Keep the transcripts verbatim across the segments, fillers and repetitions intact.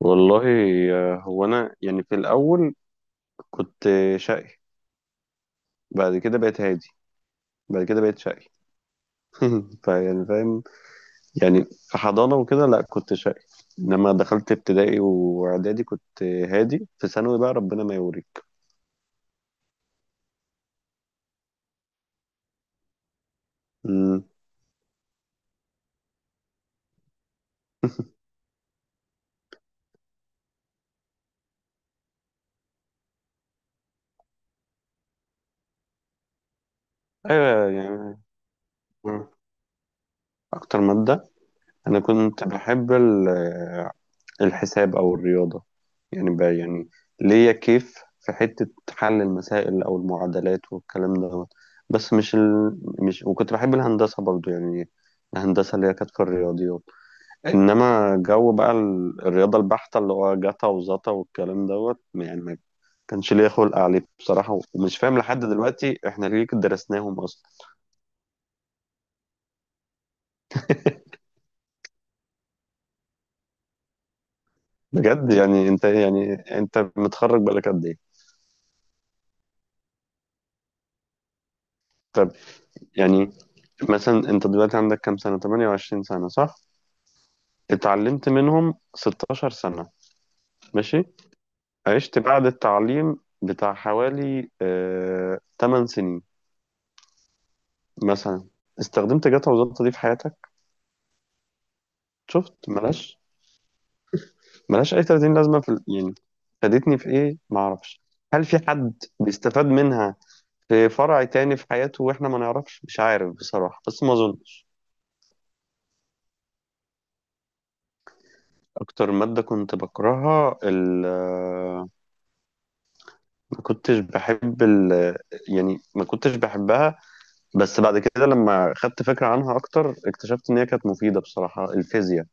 والله، آه، هو انا يعني في الاول كنت شقي. بعد كده بقيت هادي. بعد كده بقيت شقي. فيعني فاهم. يعني في حضانة وكده لا كنت شقي. لما دخلت ابتدائي واعدادي كنت هادي. في ثانوي بقى ربنا ما يوريك. مم. ايوه يعني. مم. اكتر مادة انا كنت بحب ال- الحساب أو الرياضة. يعني بقى يعني ليا كيف في حتة حل المسائل أو المعادلات والكلام ده. بس مش ال... مش وكنت بحب الهندسة برضو يعني. الهندسة اللي هي كانت في الرياضيات. إنما جو بقى ال- الرياضة البحتة اللي هو جتا وزتا والكلام دوت يعني ما كانش ليا خلق عليه بصراحة. ومش فاهم لحد دلوقتي إحنا ليه كده درسناهم أصلا. بجد يعني أنت يعني أنت متخرج بقالك قد إيه؟ طب يعني مثلا انت دلوقتي عندك كام سنة؟ ثمانية وعشرين سنة، صح؟ اتعلمت منهم ستاشر سنة، ماشي. عشت بعد التعليم بتاع حوالي آه تمانية سنين مثلا. استخدمت جاتا وزلطة دي في حياتك؟ شفت، ملاش. ملاش اي تلاتين لازمة في ال- يعني، فادتني في ايه معرفش. هل في حد بيستفاد منها في فرع تاني في حياته واحنا ما نعرفش؟ مش عارف بصراحة بس ما اظنش. اكتر مادة كنت بكرهها ال ما كنتش بحب ال يعني ما كنتش بحبها. بس بعد كده لما خدت فكرة عنها أكتر، اكتشفت إن هي كانت مفيدة بصراحة، الفيزياء.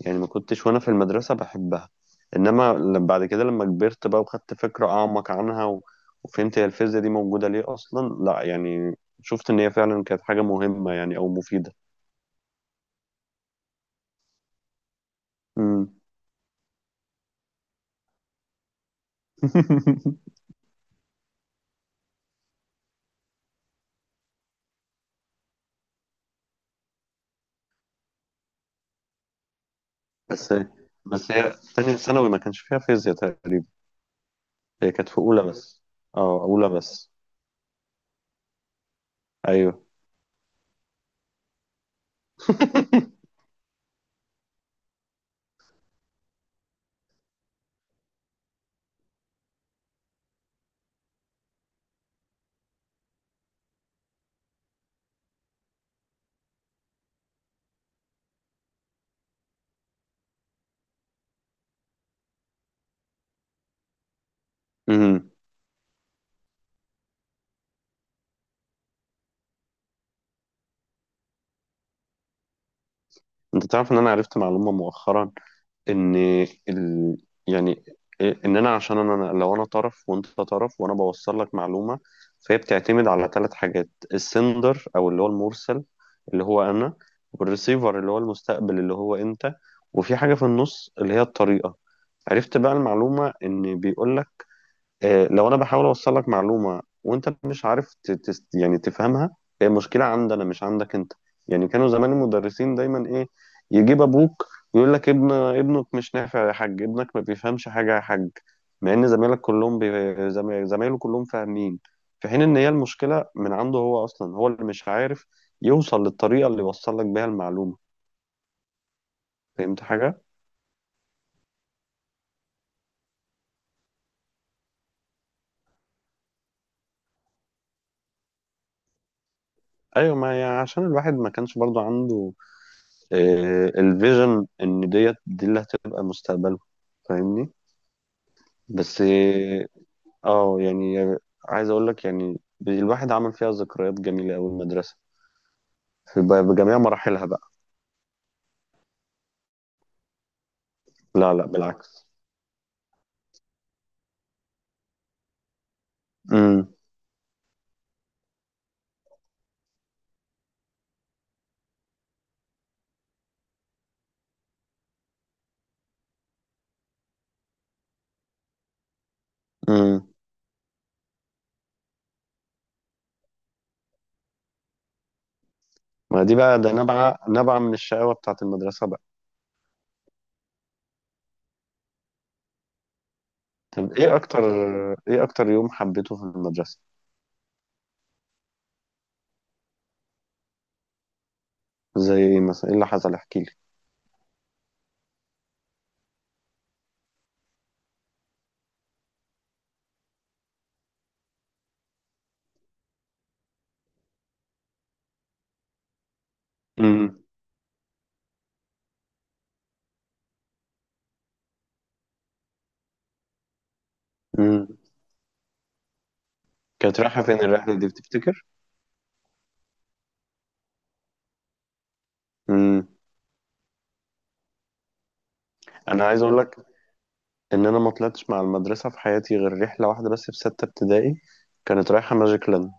يعني ما كنتش وأنا في المدرسة بحبها. إنما لما- بعد كده لما كبرت بقى وخدت فكرة أعمق عنها و- وفهمت هي الفيزياء دي موجودة ليه أصلا، لا يعني. شفت إن هي فعلا كانت حاجة مهمة يعني أو مفيدة. مم. بس بس هي تانية ثانوي ما كانش فيها فيزياء تقريبا. هي كانت في أولى بس. أه، أولى بس. أيوه. انت تعرف ان انا عرفت معلومة مؤخرا؟ ان ال... يعني إيه، ان انا عشان انا لو انا طرف وانت طرف وانا بوصل لك معلومة، فهي بتعتمد على ثلاث حاجات: السندر او اللي هو المرسل، اللي هو انا، والريسيفر اللي هو المستقبل اللي هو انت، وفي حاجة في النص اللي هي الطريقة. عرفت بقى المعلومة، ان بيقول آه، لو انا بحاول اوصل لك معلومه وانت مش عارف ت- تس- يعني تفهمها، هي مشكله عندنا مش عندك انت. يعني كانوا زمان المدرسين دايما ايه؟ يجيب ابوك يقول لك ابن ابنك مش نافع يا حاج، ابنك ما بيفهمش حاجه يا حاج. مع ان زمايلك كلهم بي... زم- زمايله كلهم فاهمين، في حين ان هي المشكله من عنده هو اصلا، هو اللي مش عارف يوصل للطريقه اللي يوصل لك بيها المعلومه. فهمت حاجه؟ ايوه ما يعني، عشان الواحد ما كانش برضو عنده آه، الفيجن ان ديت دي اللي هتبقى مستقبله. فاهمني؟ بس اه آه، يعني، عايز اقول لك يعني، الواحد عمل فيها ذكريات جميله قوي المدرسه في ب- بجميع مراحلها بقى. لا لا، بالعكس. امم، امم، ما دي بقى ده نبع نبع من الشقاوه بتاعت المدرسه بقى. طب ايه اكتر، ايه اكتر يوم حبيته في المدرسه؟ زي ايه مثلا؟ ايه اللي حصل؟ احكي لي. امم، امم. كانت رايحه فين الرحله دي بتفتكر؟ امم. انا عايز اقول لك ان انا ما طلعتش مع المدرسه في حياتي غير رحله واحده بس، في سته ابتدائي. كانت رايحه ماجيك لاند.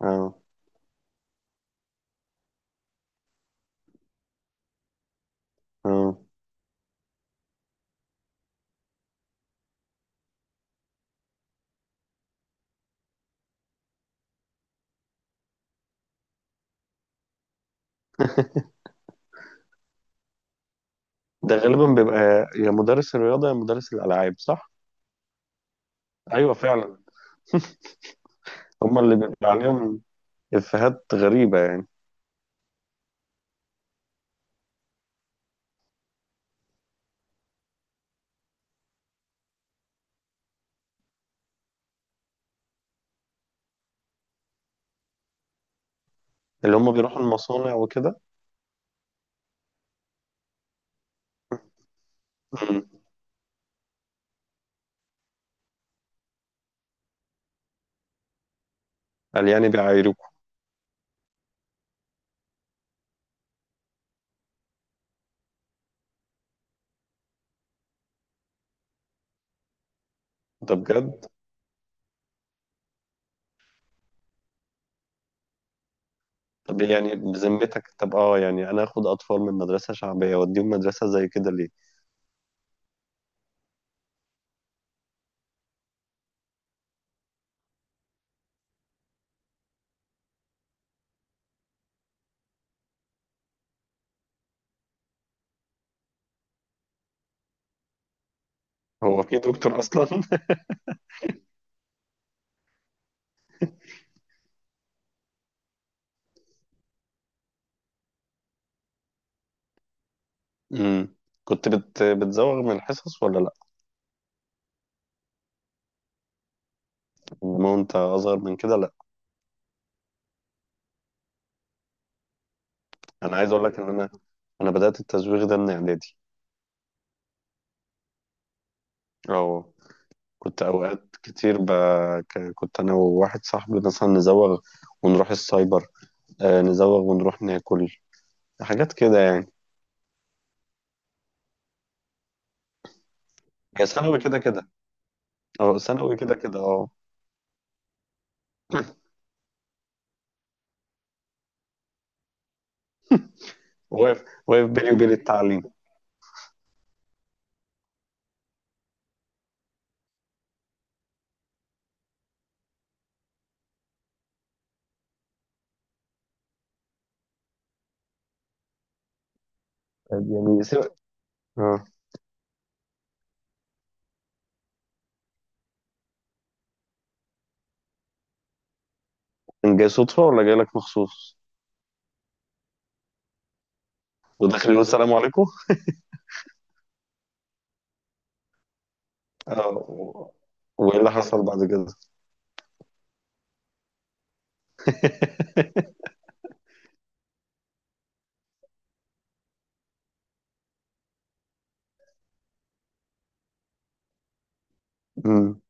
اه، اه. ده غالبا بيبقى يا مدرس الرياضه يا مدرس الالعاب، صح؟ ايوه فعلا. هما اللي بيبقى عليهم افيهات غريبه يعني. اللي هما بيروحوا المصانع وكده. مم. قال يعني بيعايروكوا. ده بجد؟ طب يعني بذمتك، طب اه يعني انا اخد اطفال من مدرسه شعبيه واديهم مدرسه زي كده ليه؟ هو في دكتور اصلا؟ مم. كنت بت... بتزوغ من الحصص ولا لا؟ انما وانت اصغر من كده؟ انا عايز اقول لك ان انا، انا بدات التزويغ ده من اعدادي. اه. كنت اوقات كتير ب... ك- كنت انا وواحد صاحبي مثلا نزوغ، ونروح السايبر. آه نزوغ ونروح ناكل حاجات كده يعني. هي ثانوي كده كده. اه، ثانوي كده كده، اه. واقف واقف بيني وبين التعليم. يعني سيب... اه، كان جاي صدفه ولا جاي لك مخصوص؟ وداخل يقول السلام عليكم؟ اه، و- وايه اللي حصل بعد كده؟ مم.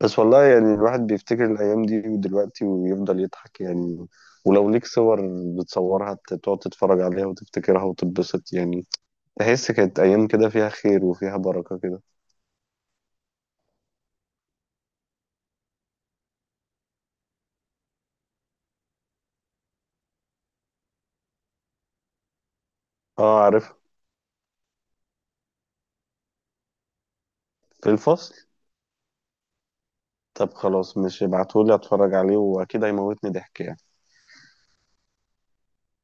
بس والله يعني الواحد بيفتكر الأيام دي ودلوقتي ويفضل يضحك يعني. ولو ليك صور بتصورها ت- تقعد تتفرج عليها وتفتكرها وتتبسط يعني. تحس كانت أيام كده فيها خير وفيها بركة كده. اه، عارف. في الفصل. طب خلاص، مش ابعتهولي اتفرج عليه واكيد هيموتني ضحك يعني.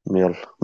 يلا.